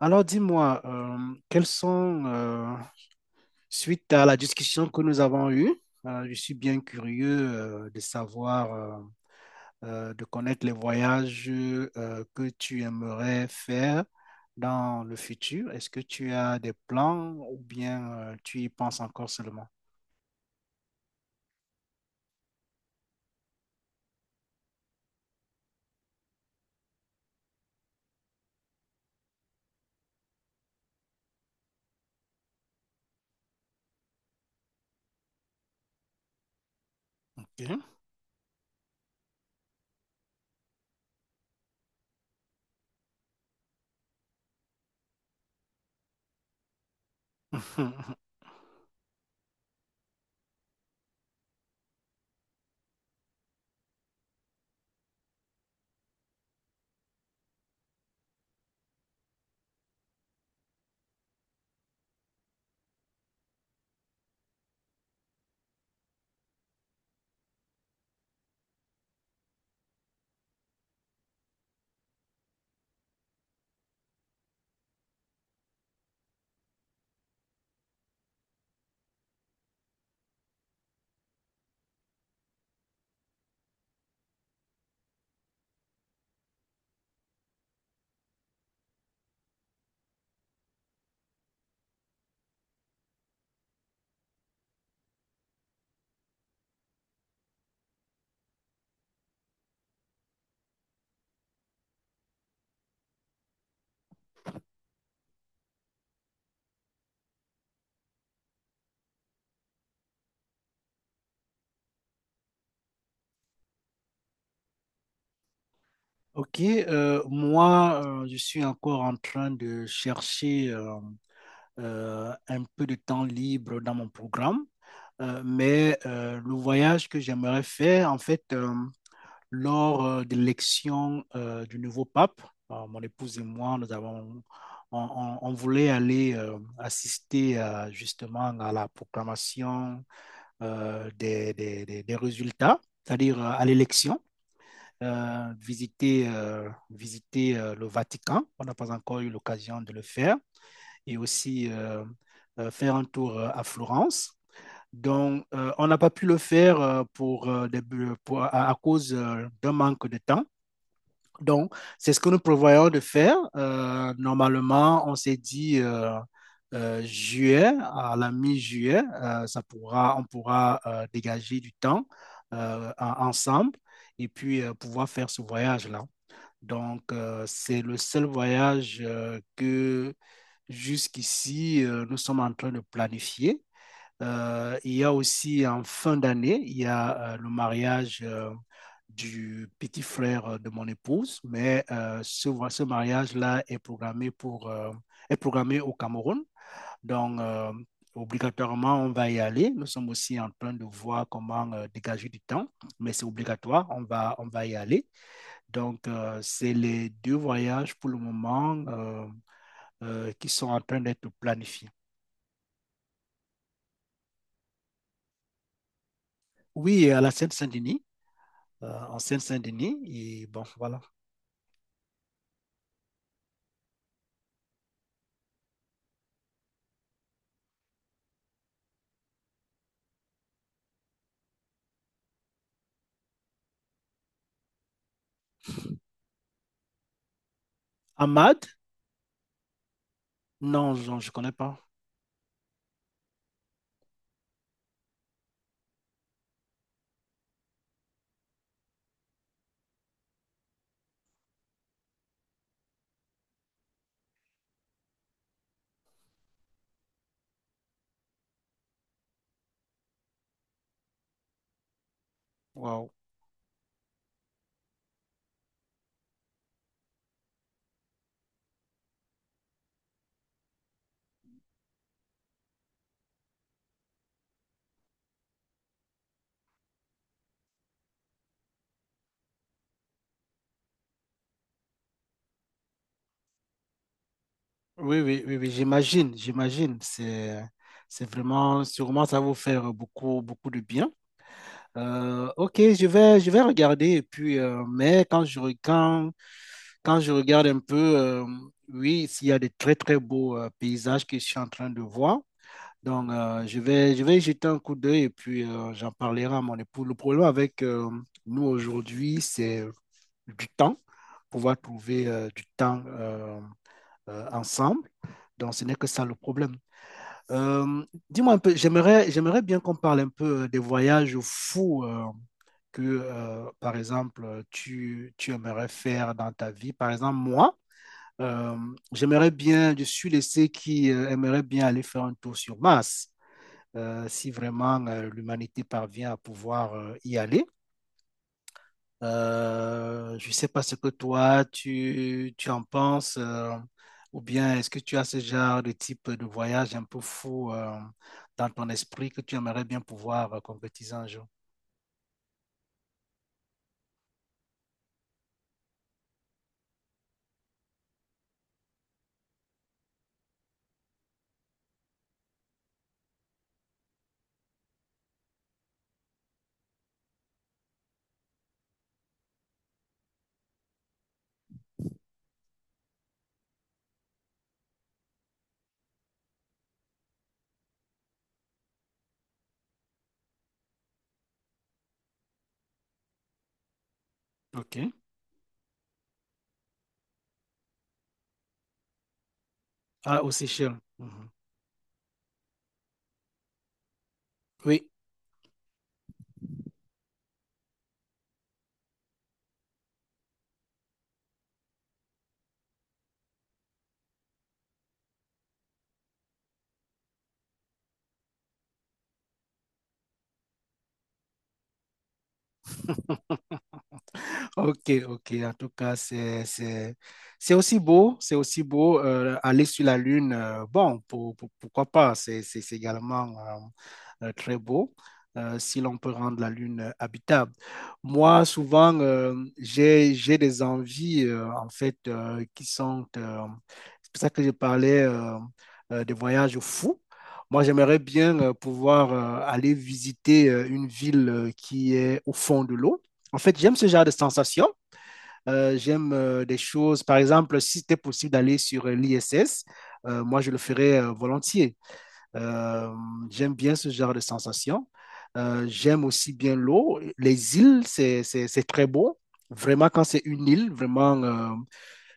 Alors dis-moi, quelles sont, suite à la discussion que nous avons eue, je suis bien curieux de savoir, de connaître les voyages que tu aimerais faire dans le futur. Est-ce que tu as des plans ou bien tu y penses encore seulement? Ok. Ok, moi, je suis encore en train de chercher. Un peu de temps libre dans mon programme. Mais le voyage que j'aimerais faire, en fait, lors de l'élection du nouveau pape, mon épouse et moi, nous avons, on voulait aller assister à, justement à la proclamation des résultats, c'est-à-dire à l'élection. Visiter, visiter le Vatican. On n'a pas encore eu l'occasion de le faire, et aussi faire un tour à Florence. Donc, on n'a pas pu le faire pour, pour à, cause d'un manque de temps. Donc, c'est ce que nous prévoyons de faire. Normalement, on s'est dit juillet, à la mi-juillet, ça pourra, on pourra dégager du temps ensemble et puis pouvoir faire ce voyage-là. Donc, c'est le seul voyage que jusqu'ici, nous sommes en train de planifier. Il y a aussi en fin d'année, il y a le mariage du petit frère de mon épouse, mais ce mariage-là est programmé pour, est programmé au Cameroun. Donc, obligatoirement, on va y aller. Nous sommes aussi en train de voir comment dégager du temps, mais c'est obligatoire, on va y aller. Donc, c'est les deux voyages pour le moment qui sont en train d'être planifiés. Oui, en Seine-Saint-Denis, et bon, voilà. Ahmad? Non, non, je ne connais pas. Waouh. Oui, oui, oui, oui, j'imagine. C'est vraiment, sûrement, ça va vous faire beaucoup, beaucoup de bien. Ok, je vais regarder. Et puis, mais quand je regarde un peu, oui, s'il y a des très, très beaux paysages que je suis en train de voir. Donc, je vais y jeter un coup d'œil et puis j'en parlerai à mon époux. Le problème avec nous aujourd'hui, c'est du temps, pouvoir trouver du temps ensemble. Donc, ce n'est que ça le problème. Euh, dis-moi un peu, j'aimerais bien qu'on parle un peu des voyages fous que, par exemple, tu aimerais faire dans ta vie. Par exemple, moi, euh, j'aimerais bien, je suis de ceux qui aimeraient bien aller faire un tour sur Mars si vraiment l'humanité parvient à pouvoir y aller. Je ne sais pas ce que toi, tu en penses, ou bien est-ce que tu as ce genre de type de voyage un peu fou dans ton esprit que tu aimerais bien pouvoir concrétiser un jour? OK. Ah, aux Seychelles. Mhm. Oui. Ok, ok. En tout cas, c'est aussi beau aller sur la Lune. Euh, bon, pourquoi pas? C'est également très beau si l'on peut rendre la Lune habitable. Moi, souvent, j'ai des envies, en fait, qui sont c'est pour ça que je parlais de voyages fous. Moi, j'aimerais bien pouvoir aller visiter une ville qui est au fond de l'eau, en fait, j'aime ce genre de sensation. J'aime des choses, par exemple, si c'était possible d'aller sur l'ISS, moi je le ferais volontiers. Euh, j'aime bien ce genre de sensation. J'aime aussi bien l'eau. Les îles, c'est très beau. Vraiment, quand c'est une île, vraiment, euh,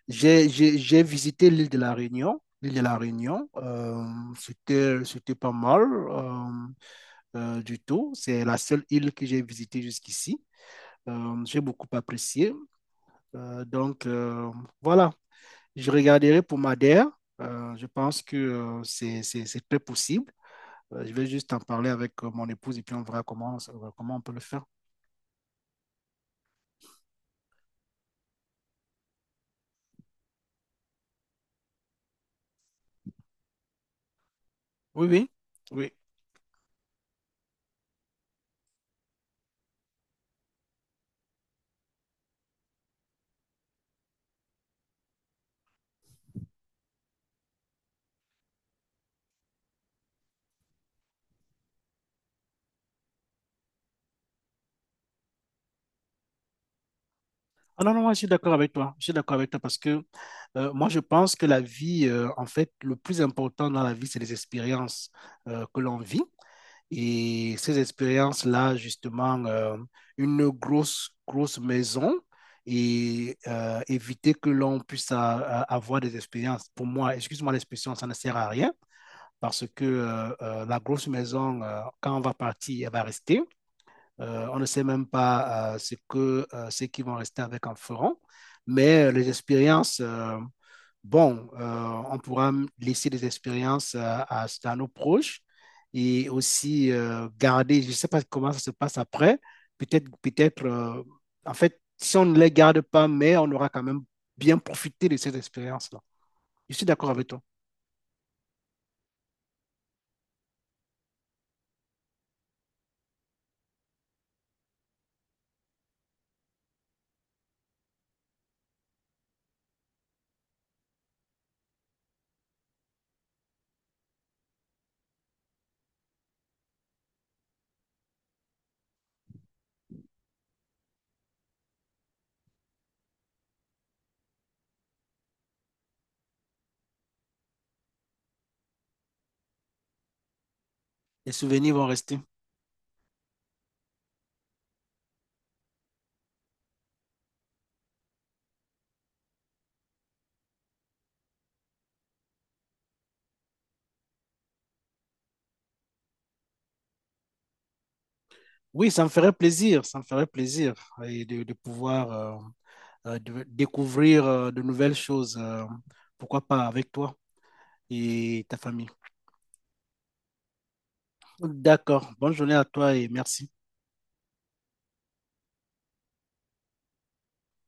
j'ai, j'ai, j'ai visité l'île de la Réunion. L'île de la Réunion, c'était pas mal du tout. C'est la seule île que j'ai visitée jusqu'ici. J'ai beaucoup apprécié. Donc, voilà, je regarderai pour Madère. Je pense que c'est très possible. Je vais juste en parler avec mon épouse et puis on verra comment, comment on peut le faire. Oui, oui, oui. Ah non, non, moi, je suis d'accord avec toi. Je suis d'accord avec toi parce que moi, je pense que la vie, en fait, le plus important dans la vie, c'est les expériences que l'on vit. Et ces expériences-là, justement, une grosse, grosse maison et éviter que l'on puisse avoir des expériences. Pour moi, excuse-moi l'expression, ça ne sert à rien parce que la grosse maison, quand on va partir, elle va rester. On ne sait même pas ce que ceux qui vont rester avec en feront, mais les expériences, bon, on pourra laisser des expériences à, nos proches, et aussi garder, je ne sais pas comment ça se passe après, peut-être, peut-être, en fait, si on ne les garde pas, mais on aura quand même bien profité de ces expériences-là. Je suis d'accord avec toi. Les souvenirs vont rester. Oui, ça me ferait plaisir, ça me ferait plaisir et de pouvoir de découvrir de nouvelles choses, pourquoi pas avec toi et ta famille. D'accord, bonne journée à toi et merci.